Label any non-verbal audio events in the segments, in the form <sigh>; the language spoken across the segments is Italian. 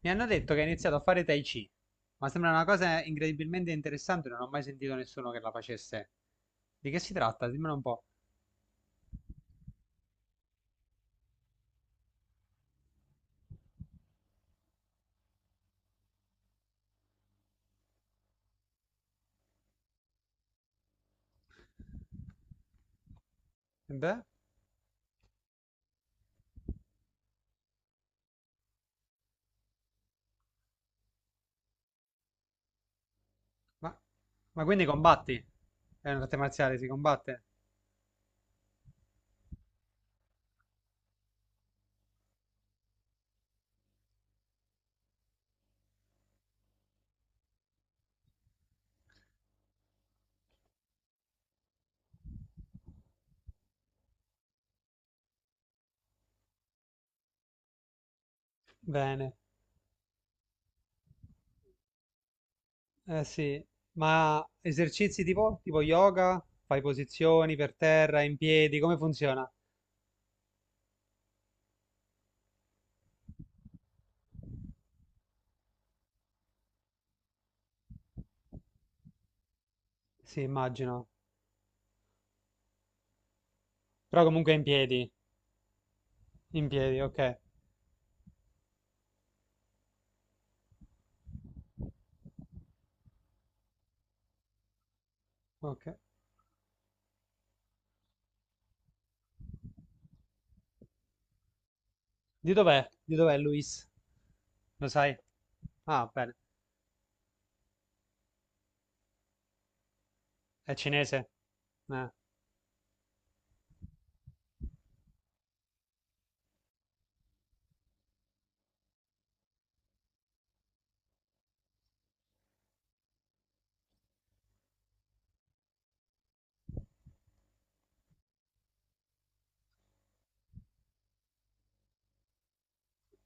Mi hanno detto che hai iniziato a fare Tai Chi, ma sembra una cosa incredibilmente interessante, non ho mai sentito nessuno che la facesse. Di che si tratta? Dimmelo un po'. E beh, ma, ma quindi combatti? È un'arte marziale, si combatte? Bene, eh sì, ma esercizi tipo yoga? Fai posizioni per terra, in piedi, come funziona? Sì, immagino. Però comunque in piedi. In piedi, ok. Ok. Di dov'è? Di dov'è Luis? Lo sai? Ah, bene. È cinese? Eh,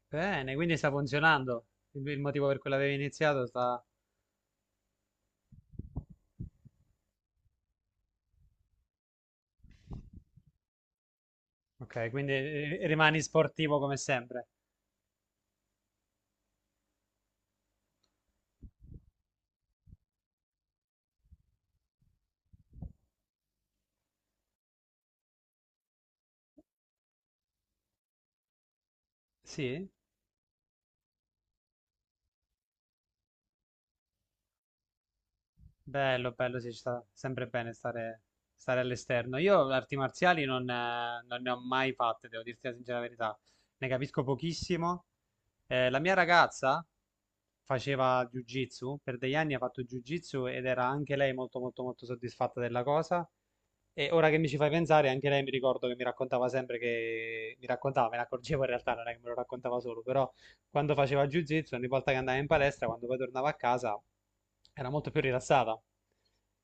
bene, quindi sta funzionando. Il motivo per cui l'avevi iniziato sta... Ok, quindi rimani sportivo come sempre. Sì? Bello, bello, sì, ci sta sempre bene stare all'esterno. Io arti marziali non ne ho mai fatte, devo dirti la sincera verità. Ne capisco pochissimo. La mia ragazza faceva jiu-jitsu, per degli anni ha fatto jiu-jitsu ed era anche lei molto molto molto soddisfatta della cosa. E ora che mi ci fai pensare, anche lei mi ricordo che mi raccontava sempre, che mi raccontava, me ne accorgevo in realtà, non è che me lo raccontava solo, però quando faceva jiu-jitsu, ogni volta che andava in palestra, quando poi tornava a casa, era molto più rilassata.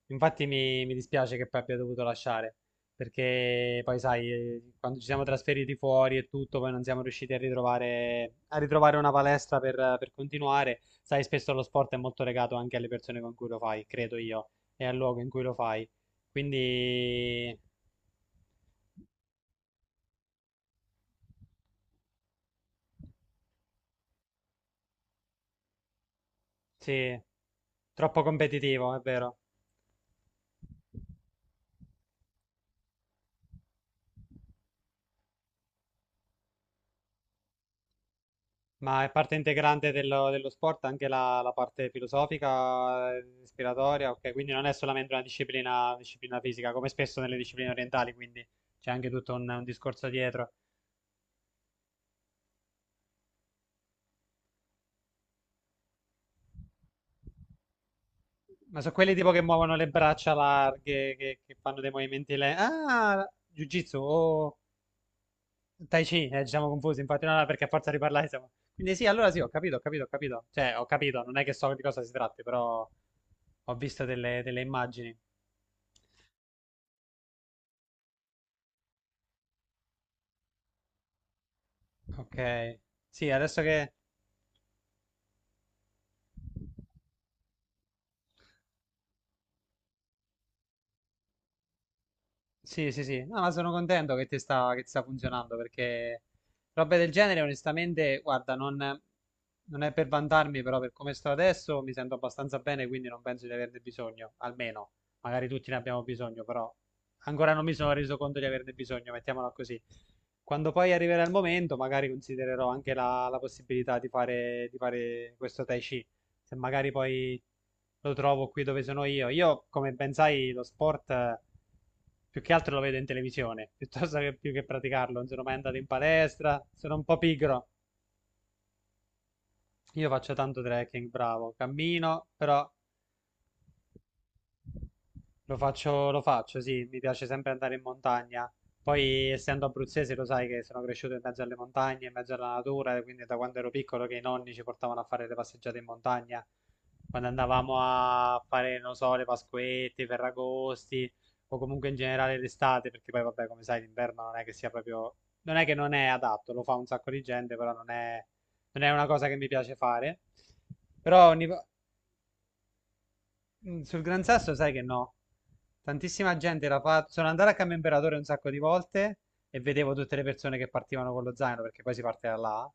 Infatti mi dispiace che poi abbia dovuto lasciare, perché poi sai, quando ci siamo trasferiti fuori e tutto, poi non siamo riusciti a ritrovare, una palestra per continuare. Sai, spesso lo sport è molto legato anche alle persone con cui lo fai, credo io, e al luogo in cui lo fai. Quindi sì, troppo competitivo, è vero. Ma è parte integrante dello sport anche la parte filosofica, ispiratoria, ok? Quindi non è solamente una disciplina fisica, come spesso nelle discipline orientali, quindi c'è anche tutto un discorso dietro. Ma sono quelli tipo che muovono le braccia larghe, che fanno dei movimenti lenti. Ah, jiu-jitsu o Tai Chi, ci siamo confusi, infatti, no, no, perché a forza di parlare siamo... Quindi sì, allora sì, ho capito, ho capito, ho capito. Cioè, ho capito, non è che so di cosa si tratti, però ho visto delle immagini. Ok. Sì, adesso che... Sì, sì, sì, no, ma sono contento che ti sta funzionando, perché robe del genere, onestamente, guarda, non è per vantarmi, però per come sto adesso mi sento abbastanza bene, quindi non penso di averne bisogno, almeno, magari tutti ne abbiamo bisogno, però ancora non mi sono reso conto di averne bisogno, mettiamola così. Quando poi arriverà il momento, magari considererò anche la possibilità di fare questo Tai Chi, se magari poi lo trovo qui dove sono io. Io, come ben sai, lo sport più che altro lo vedo in televisione, <laughs> piuttosto che più che praticarlo. Non sono mai andato in palestra, sono un po' pigro. Io faccio tanto trekking, bravo, cammino, però... lo faccio, sì, mi piace sempre andare in montagna. Poi, essendo abruzzese, lo sai che sono cresciuto in mezzo alle montagne, in mezzo alla natura, e quindi da quando ero piccolo che i nonni ci portavano a fare le passeggiate in montagna. Quando andavamo a fare, non so, le Pasquette, i Ferragosti, o comunque in generale l'estate, perché poi, vabbè, come sai, l'inverno non è che sia proprio... Non è che non è adatto, lo fa un sacco di gente, però non è una cosa che mi piace fare. Però ogni... sul Gran Sasso sai che no. Tantissima gente l'ha fatto. Sono andato a Cambio Imperatore un sacco di volte e vedevo tutte le persone che partivano con lo zaino, perché poi si parte da là.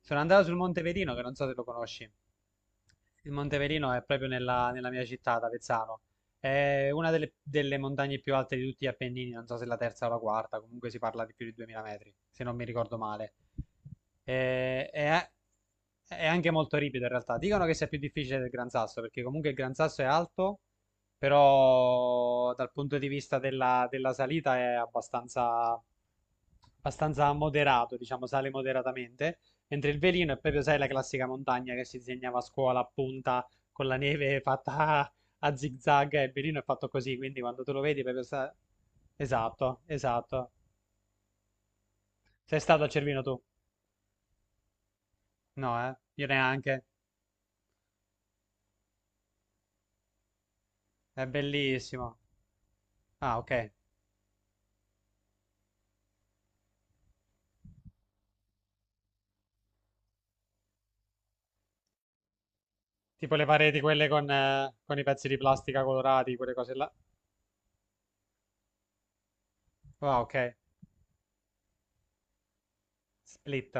Sono andato sul Monte Verino, che non so se lo conosci. Il Monte Verino è proprio nella mia città, ad Avezzano. È una delle montagne più alte di tutti gli Appennini, non so se la terza o la quarta, comunque si parla di più di 2000 metri, se non mi ricordo male. Eh, è, è anche molto ripido in realtà. Dicono che sia più difficile del Gran Sasso, perché comunque il Gran Sasso è alto, però dal punto di vista della salita è abbastanza moderato, diciamo, sale moderatamente, mentre il Velino è proprio, sai, la classica montagna che si disegnava a scuola a punta, con la neve fatta a zig-zag, e il mirino è fatto così, quindi quando tu lo vedi proprio. Esatto, esatto. Sei stato a Cervino tu? No, eh? Io neanche. È bellissimo. Ah, ok. Tipo le pareti quelle con i pezzi di plastica colorati, quelle cose là. Ah, ok. Split.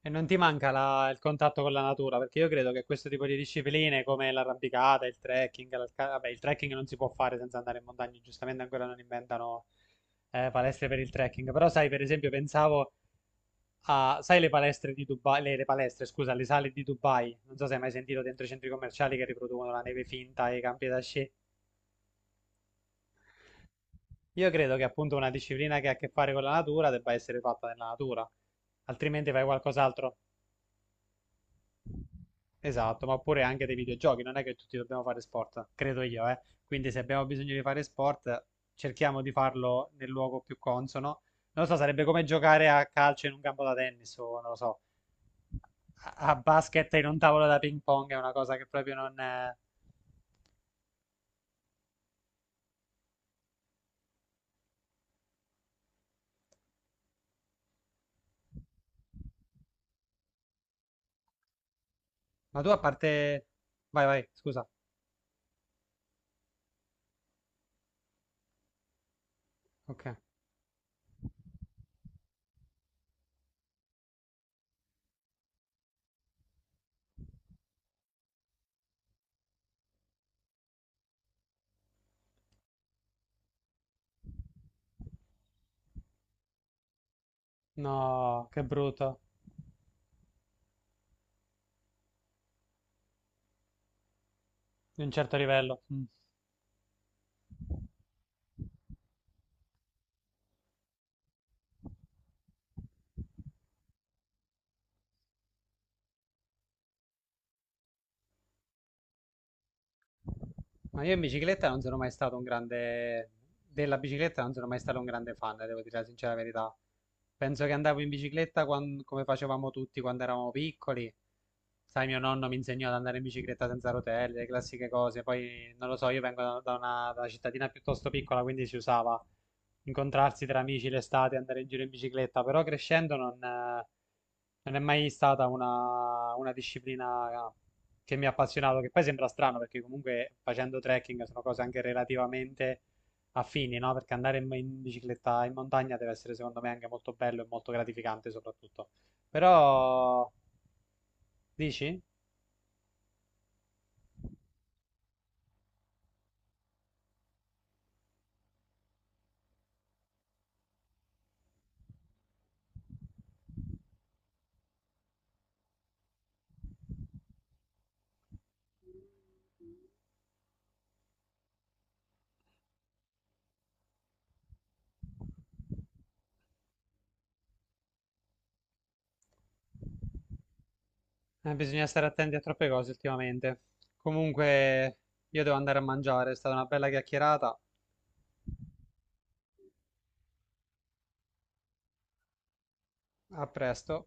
E non ti manca il contatto con la natura, perché io credo che questo tipo di discipline come l'arrampicata, il trekking, vabbè, il trekking non si può fare senza andare in montagna, giustamente ancora non inventano palestre per il trekking, però sai, per esempio, pensavo sai le palestre di Dubai, le palestre, scusa, le sale di Dubai, non so se hai mai sentito, dentro i centri commerciali che riproducono la neve finta e i campi da sci. Io credo che appunto una disciplina che ha a che fare con la natura debba essere fatta nella natura, altrimenti fai qualcos'altro. Esatto, ma oppure anche dei videogiochi, non è che tutti dobbiamo fare sport, credo io, eh. Quindi se abbiamo bisogno di fare sport, cerchiamo di farlo nel luogo più consono. Non lo so, sarebbe come giocare a calcio in un campo da tennis o non lo so. A basket in un tavolo da ping pong, è una cosa che proprio non è... Ma tu a parte... Vai, vai, scusa. Ok. No, che brutto. Di un certo livello. Mm. Ma io in bicicletta non sono mai stato un grande... della bicicletta non sono mai stato un grande fan, devo dire la sincera verità. Penso che andavo in bicicletta come facevamo tutti quando eravamo piccoli. Sai, mio nonno mi insegnò ad andare in bicicletta senza rotelle, le classiche cose. Poi, non lo so, io vengo da una cittadina piuttosto piccola, quindi si usava incontrarsi tra amici l'estate, andare in giro in bicicletta. Però crescendo non è mai stata una disciplina ah, che mi ha appassionato, che poi sembra strano, perché comunque facendo trekking sono cose anche relativamente affini, no? Perché andare in bicicletta in montagna deve essere secondo me anche molto bello e molto gratificante soprattutto. Però, dici? Bisogna stare attenti a troppe cose ultimamente. Comunque, io devo andare a mangiare, è stata una bella chiacchierata. A presto.